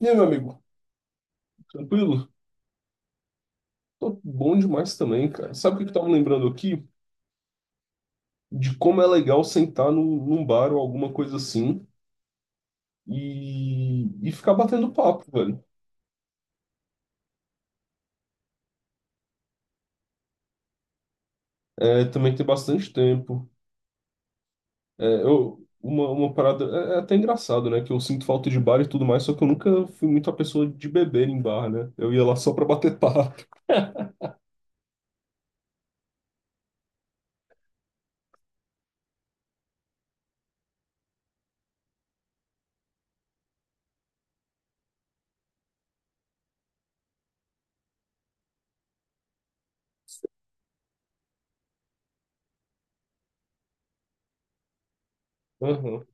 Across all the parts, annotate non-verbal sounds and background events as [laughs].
E aí, meu amigo, tranquilo? Tô bom demais também, cara. Sabe o que eu tava lembrando aqui? De como é legal sentar no, num bar ou alguma coisa assim e, e ficar batendo papo, velho. É, também tem bastante tempo. Uma parada. É, é até engraçado, né? Que eu sinto falta de bar e tudo mais, só que eu nunca fui muito a pessoa de beber em bar, né? Eu ia lá só pra bater [laughs] papo. Aham,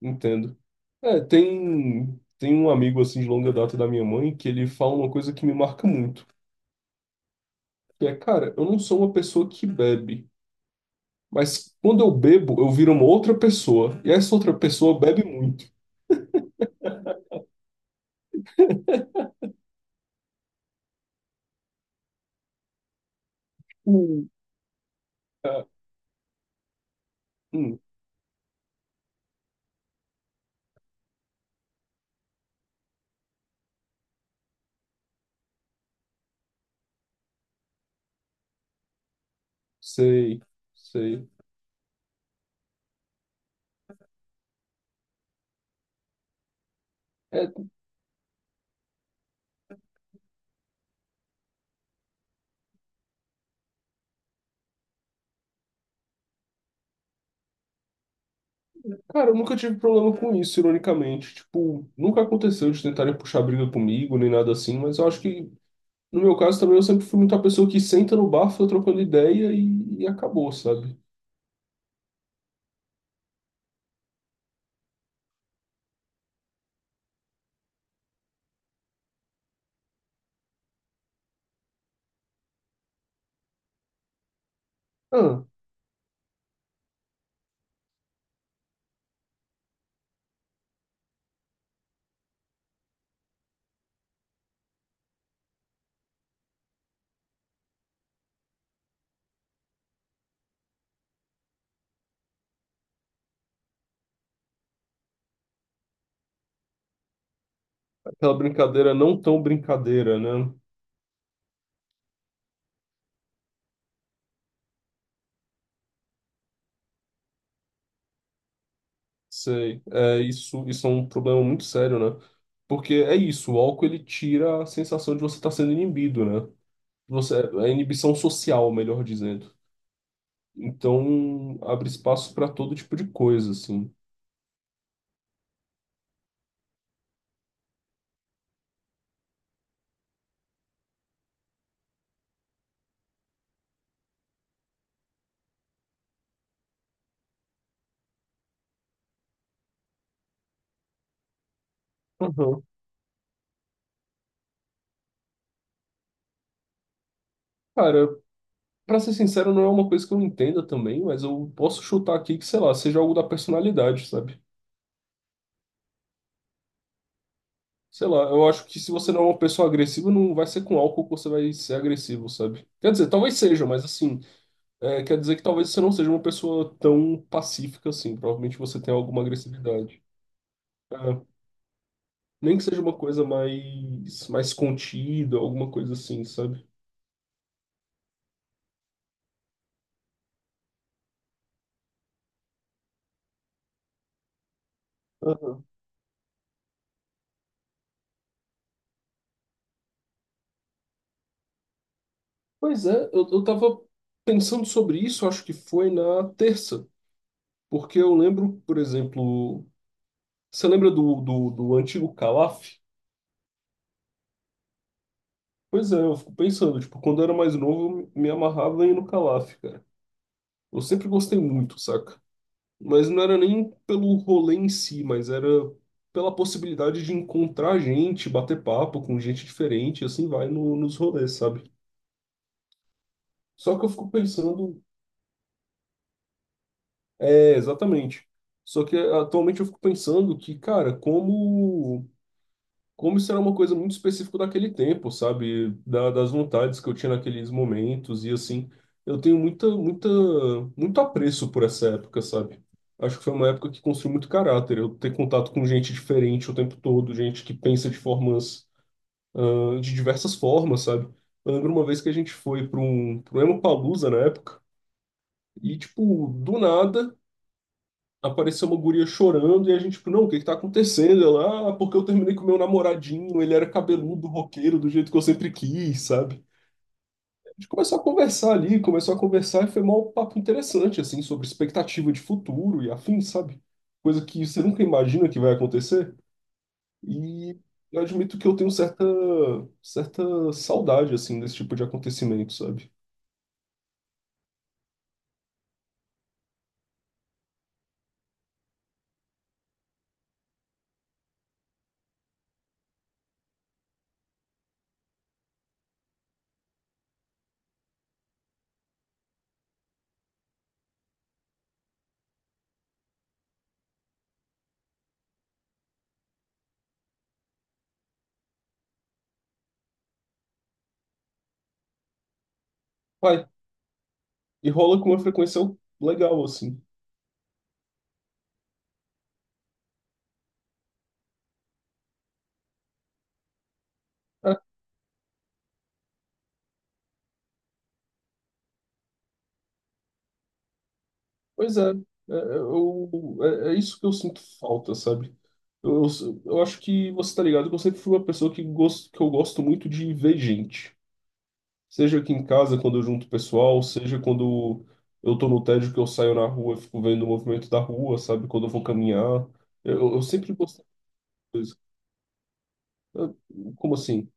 entendo. É, tem um amigo assim de longa data da minha mãe que ele fala uma coisa que me marca muito. que, é, cara, eu não sou uma pessoa que bebe, mas quando eu bebo, eu viro uma outra pessoa, e essa outra pessoa bebe muito. Hum. Ah, hum, sei, sei. É, cara, eu nunca tive problema com isso, ironicamente. Tipo, nunca aconteceu de tentarem puxar briga comigo, nem nada assim, mas eu acho que, no meu caso também, eu sempre fui muita pessoa que senta no bar, fica trocando ideia e acabou, sabe? Ah, aquela brincadeira não tão brincadeira, né? Sei. É, isso é um problema muito sério, né? Porque é isso, o álcool ele tira a sensação de você estar sendo inibido, né? Você, é inibição social, melhor dizendo. Então, abre espaço para todo tipo de coisa, assim. Uhum. Cara, pra ser sincero, não é uma coisa que eu entenda também, mas eu posso chutar aqui que, sei lá, seja algo da personalidade, sabe? Sei lá, eu acho que se você não é uma pessoa agressiva, não vai ser com álcool que você vai ser agressivo, sabe? Quer dizer, talvez seja, mas assim. É, quer dizer que talvez você não seja uma pessoa tão pacífica assim. Provavelmente você tem alguma agressividade. É, nem que seja uma coisa mais contida, alguma coisa assim, sabe? Aham. Pois é, eu tava pensando sobre isso, acho que foi na terça. Porque eu lembro, por exemplo, você lembra do antigo Calaf? Pois é, eu fico pensando, tipo, quando eu era mais novo, eu me amarrava em ir no Calaf, cara. Eu sempre gostei muito, saca? Mas não era nem pelo rolê em si, mas era pela possibilidade de encontrar gente, bater papo com gente diferente, e assim vai nos rolês, sabe? Só que eu fico pensando, é, exatamente. Só que atualmente eu fico pensando que, cara, como isso era uma coisa muito específica daquele tempo, sabe? Das vontades que eu tinha naqueles momentos e assim, eu tenho muito apreço por essa época, sabe? Acho que foi uma época que construiu muito caráter. Eu ter contato com gente diferente o tempo todo, gente que pensa de formas, ah, de diversas formas, sabe? Eu lembro uma vez que a gente foi para um Lollapalooza na época e, tipo, do nada apareceu uma guria chorando e a gente, tipo, não, o que tá acontecendo? Ela, ah, porque eu terminei com meu namoradinho, ele era cabeludo, roqueiro, do jeito que eu sempre quis, sabe? A gente começou a conversar ali, começou a conversar e foi mó papo interessante, assim, sobre expectativa de futuro e afins, sabe? Coisa que você nunca imagina que vai acontecer. E eu admito que eu tenho certa saudade, assim, desse tipo de acontecimento, sabe? Vai, e rola com uma frequência legal, assim. Pois é, é, é, eu, é, é isso que eu sinto falta, sabe? Eu acho que você tá ligado que eu sempre fui uma pessoa que, gosto, que eu gosto muito de ver gente. Seja aqui em casa, quando eu junto o pessoal, seja quando eu tô no tédio que eu saio na rua, e fico vendo o movimento da rua, sabe? Quando eu vou caminhar. Eu sempre gostei disso. Eu- como assim?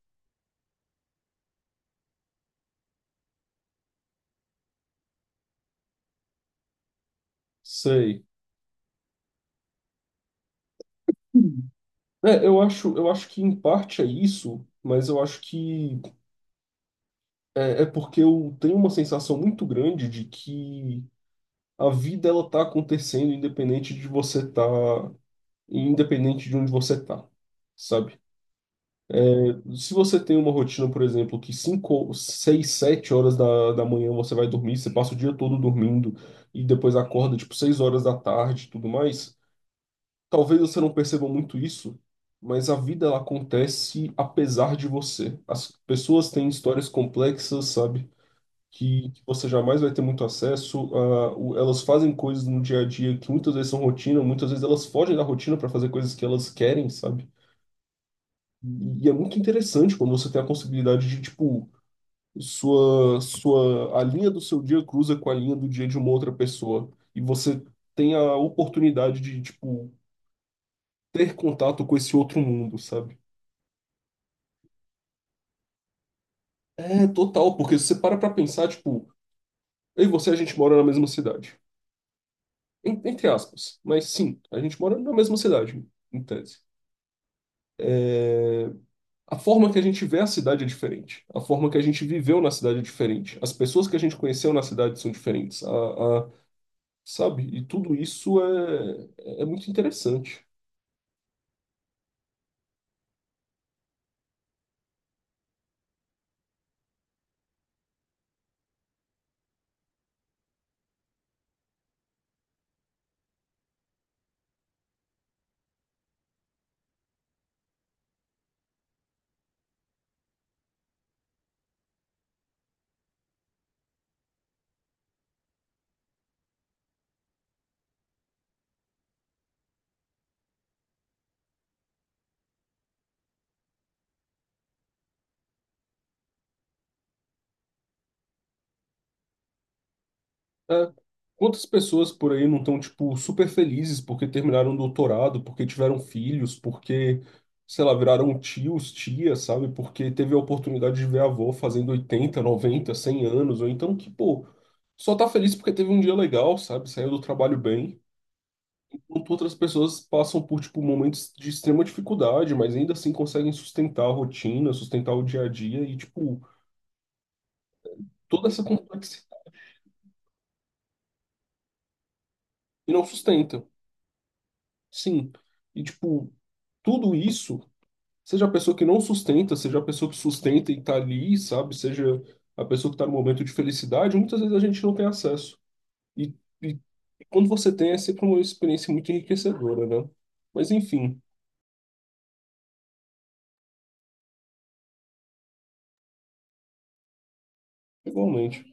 Sei. Hum. Eu acho que em parte é isso, mas eu acho que é porque eu tenho uma sensação muito grande de que a vida ela tá acontecendo independente de você tá, independente de onde você tá, sabe? Se você tem uma rotina, por exemplo, que 5, 6, 7 horas da manhã você vai dormir, você passa o dia todo dormindo e depois acorda tipo 6 horas da tarde e tudo mais, talvez você não perceba muito isso, mas a vida ela acontece apesar de você. As pessoas têm histórias complexas, sabe? Que você jamais vai ter muito acesso. A, o- elas fazem coisas no dia a dia que muitas vezes são rotina, muitas vezes elas fogem da rotina para fazer coisas que elas querem, sabe? E, é muito interessante quando você tem a possibilidade de, tipo, a linha do seu dia cruza com a linha do dia de uma outra pessoa. E você tem a oportunidade de, tipo, ter contato com esse outro mundo, sabe? É, total, porque se você para pra pensar, tipo, eu e você, a gente mora na mesma cidade. En- entre aspas, mas sim, a gente mora na mesma cidade, em tese. É, a forma que a gente vê a cidade é diferente, a forma que a gente viveu na cidade é diferente, as pessoas que a gente conheceu na cidade são diferentes, a- sabe? E tudo isso é, é muito interessante. É. Quantas pessoas por aí não estão, tipo, super felizes porque terminaram um doutorado, porque tiveram filhos, porque, sei lá, viraram tios, tias, sabe? Porque teve a oportunidade de ver a avó fazendo 80, 90, 100 anos, ou então que, pô, só tá feliz porque teve um dia legal, sabe? Saiu do trabalho bem. Enquanto outras pessoas passam por, tipo, momentos de extrema dificuldade, mas ainda assim conseguem sustentar a rotina, sustentar o dia a dia e, tipo, toda essa complexidade e não sustenta. Sim. E, tipo, tudo isso, seja a pessoa que não sustenta, seja a pessoa que sustenta e tá ali, sabe? Seja a pessoa que tá no momento de felicidade, muitas vezes a gente não tem acesso. E, e quando você tem, é sempre uma experiência muito enriquecedora, né? Mas, enfim, igualmente.